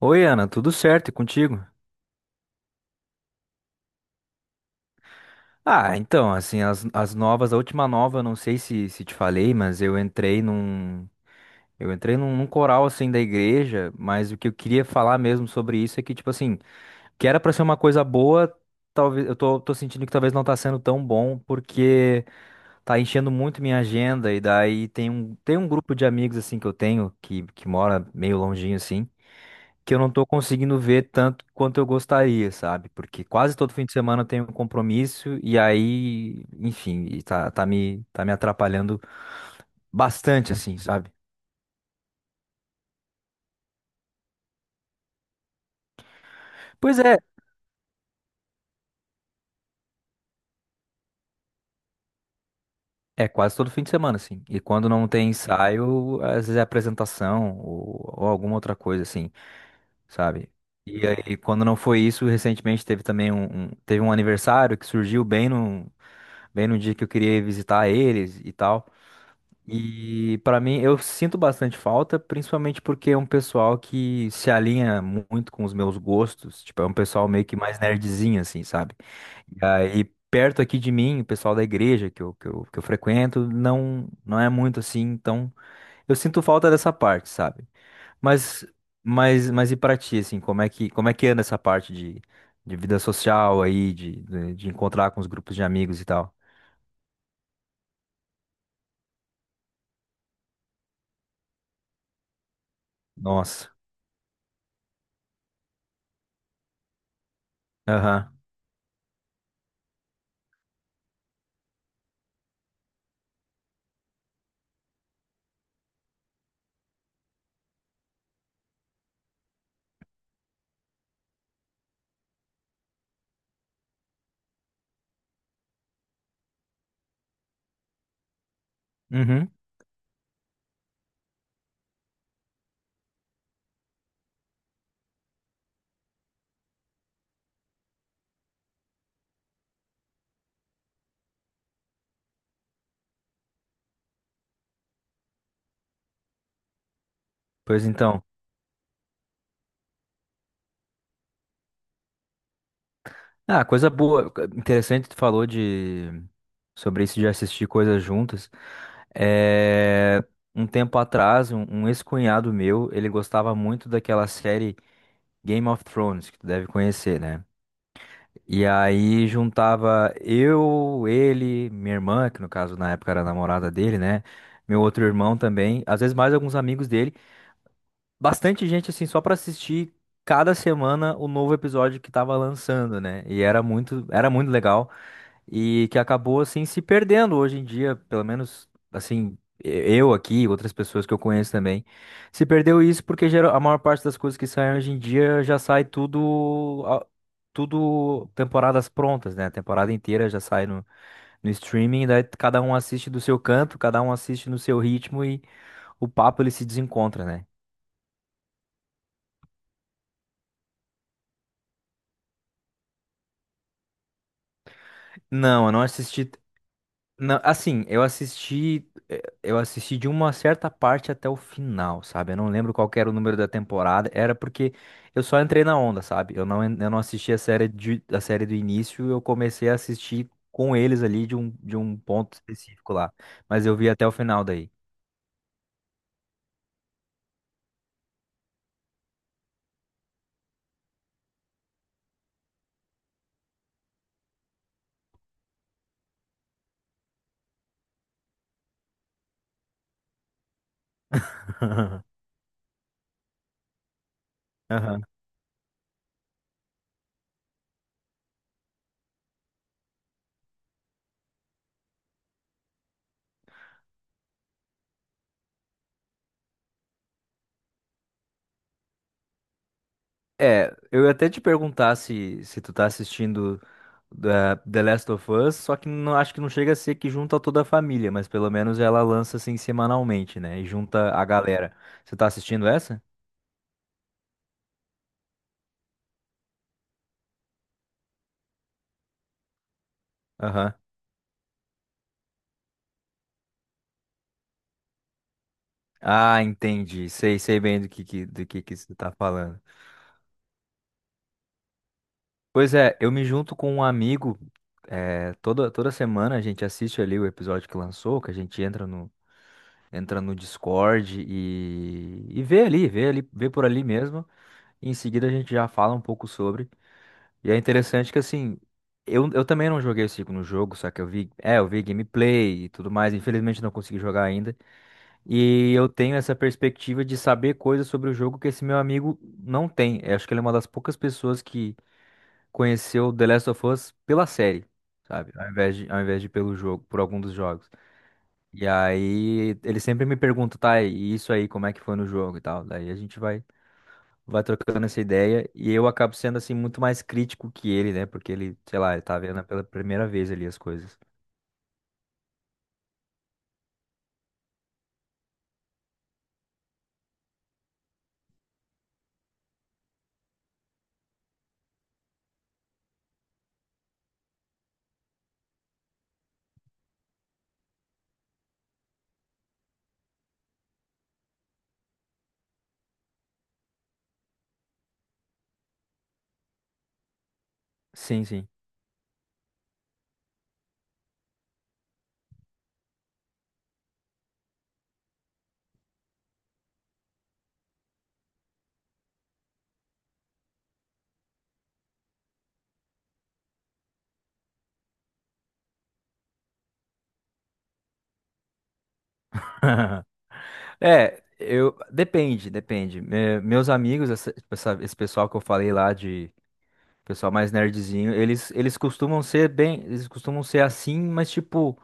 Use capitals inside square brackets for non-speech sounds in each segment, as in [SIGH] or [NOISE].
Oi, Ana, tudo certo e contigo? Ah, então, assim, as novas, a última nova, não sei se te falei, mas eu entrei num coral, assim, da igreja, mas o que eu queria falar mesmo sobre isso é que, tipo assim, que era pra ser uma coisa boa, talvez, eu tô sentindo que talvez não tá sendo tão bom, porque tá enchendo muito minha agenda, e daí tem um grupo de amigos, assim, que eu tenho, que mora meio longinho, assim, que eu não tô conseguindo ver tanto quanto eu gostaria, sabe? Porque quase todo fim de semana eu tenho um compromisso e aí, enfim, e tá me atrapalhando bastante, assim, sabe? Pois é, é quase todo fim de semana, assim. E quando não tem ensaio, às vezes é apresentação ou alguma outra coisa, assim, sabe? E aí, quando não foi isso, recentemente teve também teve um aniversário que surgiu bem no dia que eu queria visitar eles e tal. E pra mim, eu sinto bastante falta, principalmente porque é um pessoal que se alinha muito com os meus gostos. Tipo, é um pessoal meio que mais nerdzinho, assim, sabe? E aí, perto aqui de mim, o pessoal da igreja que eu frequento, não, não é muito assim. Então, eu sinto falta dessa parte, sabe? Mas, mas e pra ti, assim, como é que anda essa parte de vida social aí, de encontrar com os grupos de amigos e tal? Nossa. Aham. Uhum. Pois então. Ah, coisa boa. Interessante, tu falou de sobre isso de assistir coisas juntas. É, Um tempo atrás, um ex-cunhado meu, ele gostava muito daquela série Game of Thrones, que tu deve conhecer, né? E aí juntava eu, ele, minha irmã, que no caso na época era a namorada dele, né? Meu outro irmão também, às vezes mais alguns amigos dele, bastante gente assim só pra assistir cada semana o novo episódio que tava lançando, né? E era muito legal e que acabou assim se perdendo hoje em dia, pelo menos assim, e- eu aqui, outras pessoas que eu conheço também, se perdeu isso porque geral, a maior parte das coisas que saem hoje em dia já sai tudo tudo temporadas prontas, né? A temporada inteira já sai no streaming, daí cada um assiste do seu canto, cada um assiste no seu ritmo e o papo ele se desencontra, né? Não, eu não assisti. Não, assim, eu assisti de uma certa parte até o final, sabe? Eu não lembro qual que era o número da temporada, era porque eu só entrei na onda, sabe? Eu não assisti a série do início, eu comecei a assistir com eles ali de um, ponto específico lá, mas eu vi até o final daí. [LAUGHS] É, eu ia até te perguntar se tu tá assistindo The Last of Us, só que não, acho que não chega a ser que junta toda a família, mas pelo menos ela lança assim semanalmente, né? E junta a galera. Você tá assistindo essa? Aham. Ah, entendi. Sei bem do que que você tá falando. Pois é, eu me junto com um amigo, é, toda semana a gente assiste ali o episódio que lançou, que a gente entra no, Discord e vê por ali mesmo. Em seguida a gente já fala um pouco sobre. E é interessante que assim, eu também não joguei o segundo jogo, só que eu vi gameplay e tudo mais, infelizmente não consegui jogar ainda. E eu tenho essa perspectiva de saber coisas sobre o jogo que esse meu amigo não tem. Eu acho que ele é uma das poucas pessoas que conheceu The Last of Us pela série, sabe? Ao invés de pelo jogo, por algum dos jogos. E aí ele sempre me pergunta, tá, e isso aí, como é que foi no jogo e tal. Daí a gente vai trocando essa ideia e eu acabo sendo assim muito mais crítico que ele, né? Porque ele, sei lá, ele tá vendo pela primeira vez ali as coisas. Sim, sim. [LAUGHS] É, eu depende, depende. Meus amigos, esse pessoal que eu falei lá de pessoal mais nerdzinho, eles costumam ser assim, mas tipo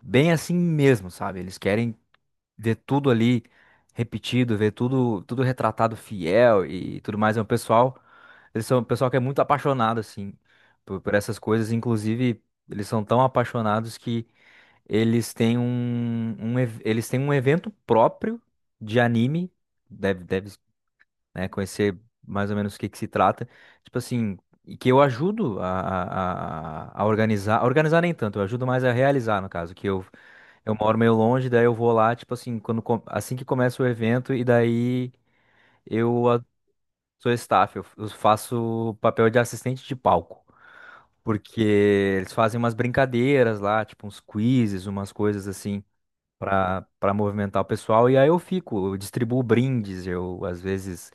bem assim mesmo, sabe? Eles querem ver tudo ali repetido, ver tudo retratado fiel e tudo mais. É um pessoal, eles são um pessoal que é muito apaixonado, assim, por essas coisas. Inclusive, eles são tão apaixonados que eles têm um evento próprio de anime. Deve, deve, né? Conhecer mais ou menos o que que se trata. Tipo assim, e que eu ajudo a organizar. A organizar nem tanto, eu ajudo mais a realizar, no caso, que eu moro meio longe, daí eu vou lá, tipo assim, assim que começa o evento, e daí eu a- sou staff, eu faço papel de assistente de palco. Porque eles fazem umas brincadeiras lá, tipo uns quizzes, umas coisas assim para movimentar o pessoal. E aí eu fico, eu distribuo brindes, eu às vezes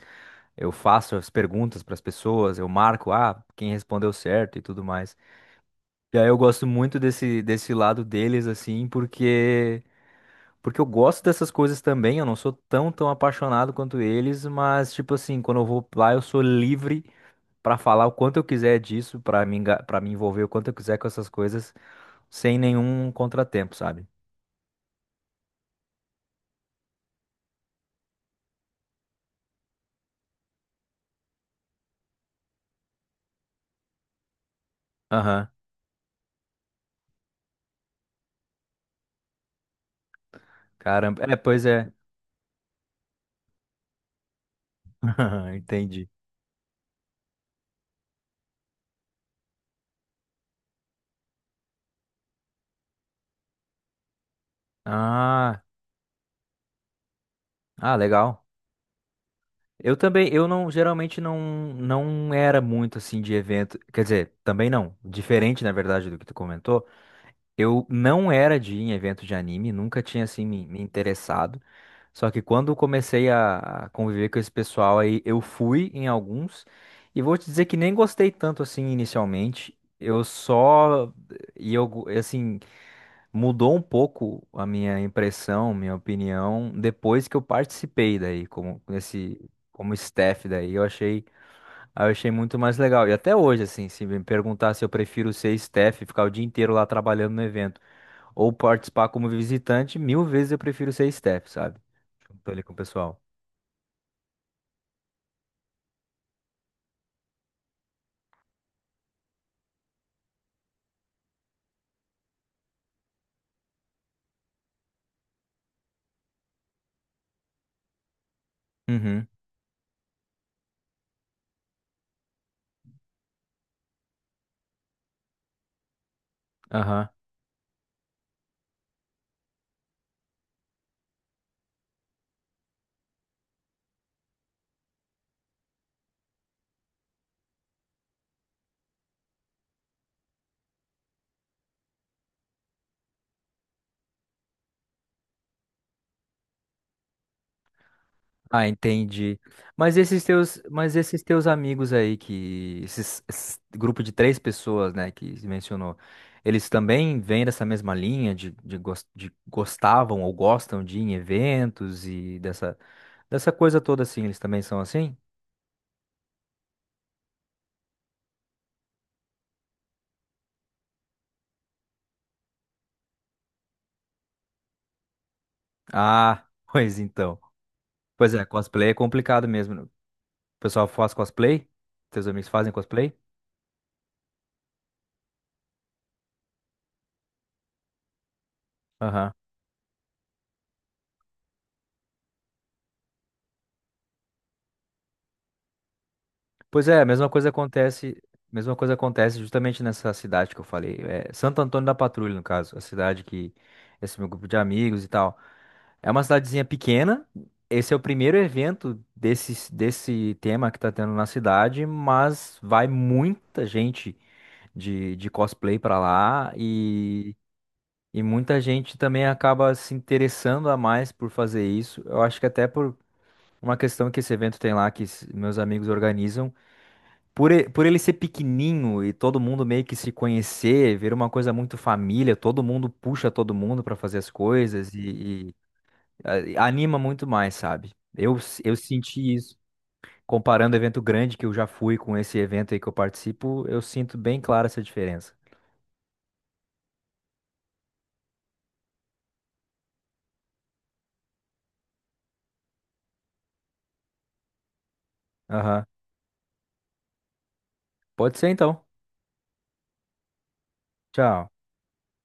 eu faço as perguntas para as pessoas, eu marco, ah, quem respondeu certo e tudo mais. E aí eu gosto muito desse lado deles assim, porque eu gosto dessas coisas também, eu não sou tão apaixonado quanto eles, mas tipo assim, quando eu vou lá eu sou livre para falar o quanto eu quiser disso, para me envolver o quanto eu quiser com essas coisas, sem nenhum contratempo, sabe? Aham. Caramba. É, pois é. [LAUGHS] Entendi. Ah, ah, legal. Eu também, eu não, geralmente não era muito assim de evento, quer dizer, também não, diferente na verdade do que tu comentou, eu não era de ir em evento de anime, nunca tinha assim me interessado, só que quando eu comecei a conviver com esse pessoal aí, eu fui em alguns, e vou te dizer que nem gostei tanto assim inicialmente, eu só, e eu, go- assim, mudou um pouco a minha impressão, minha opinião, depois que eu participei daí, como staff daí, eu achei muito mais legal. E até hoje, assim, se me perguntar se eu prefiro ser staff, e ficar o dia inteiro lá trabalhando no evento, ou participar como visitante, mil vezes eu prefiro ser staff, sabe? Junto ali com o pessoal. Uhum. Aham. Ah, entendi. Mas esses teus amigos aí esse grupo de três pessoas, né, que se mencionou, eles também vêm dessa mesma linha de gostavam ou gostam de ir em eventos e dessa coisa toda assim, eles também são assim? Ah, [LAUGHS] pois então. Pois é, cosplay é complicado mesmo, né? O pessoal faz cosplay? Teus amigos fazem cosplay? Pois é, a mesma coisa acontece justamente nessa cidade que eu falei, é Santo Antônio da Patrulha, no caso, a cidade que esse meu grupo de amigos e tal. É uma cidadezinha pequena. Esse é o primeiro evento desse tema que tá tendo na cidade, mas vai muita gente de cosplay pra lá e muita gente também acaba se interessando a mais por fazer isso. Eu acho que até por uma questão que esse evento tem lá, que meus amigos organizam. Por ele ser pequenininho e todo mundo meio que se conhecer, vira uma coisa muito família, todo mundo puxa todo mundo pra fazer as coisas e anima muito mais, sabe? Eu senti isso. Comparando evento grande que eu já fui com esse evento aí que eu participo, eu sinto bem clara essa diferença. Aham. Pode ser então. Tchau.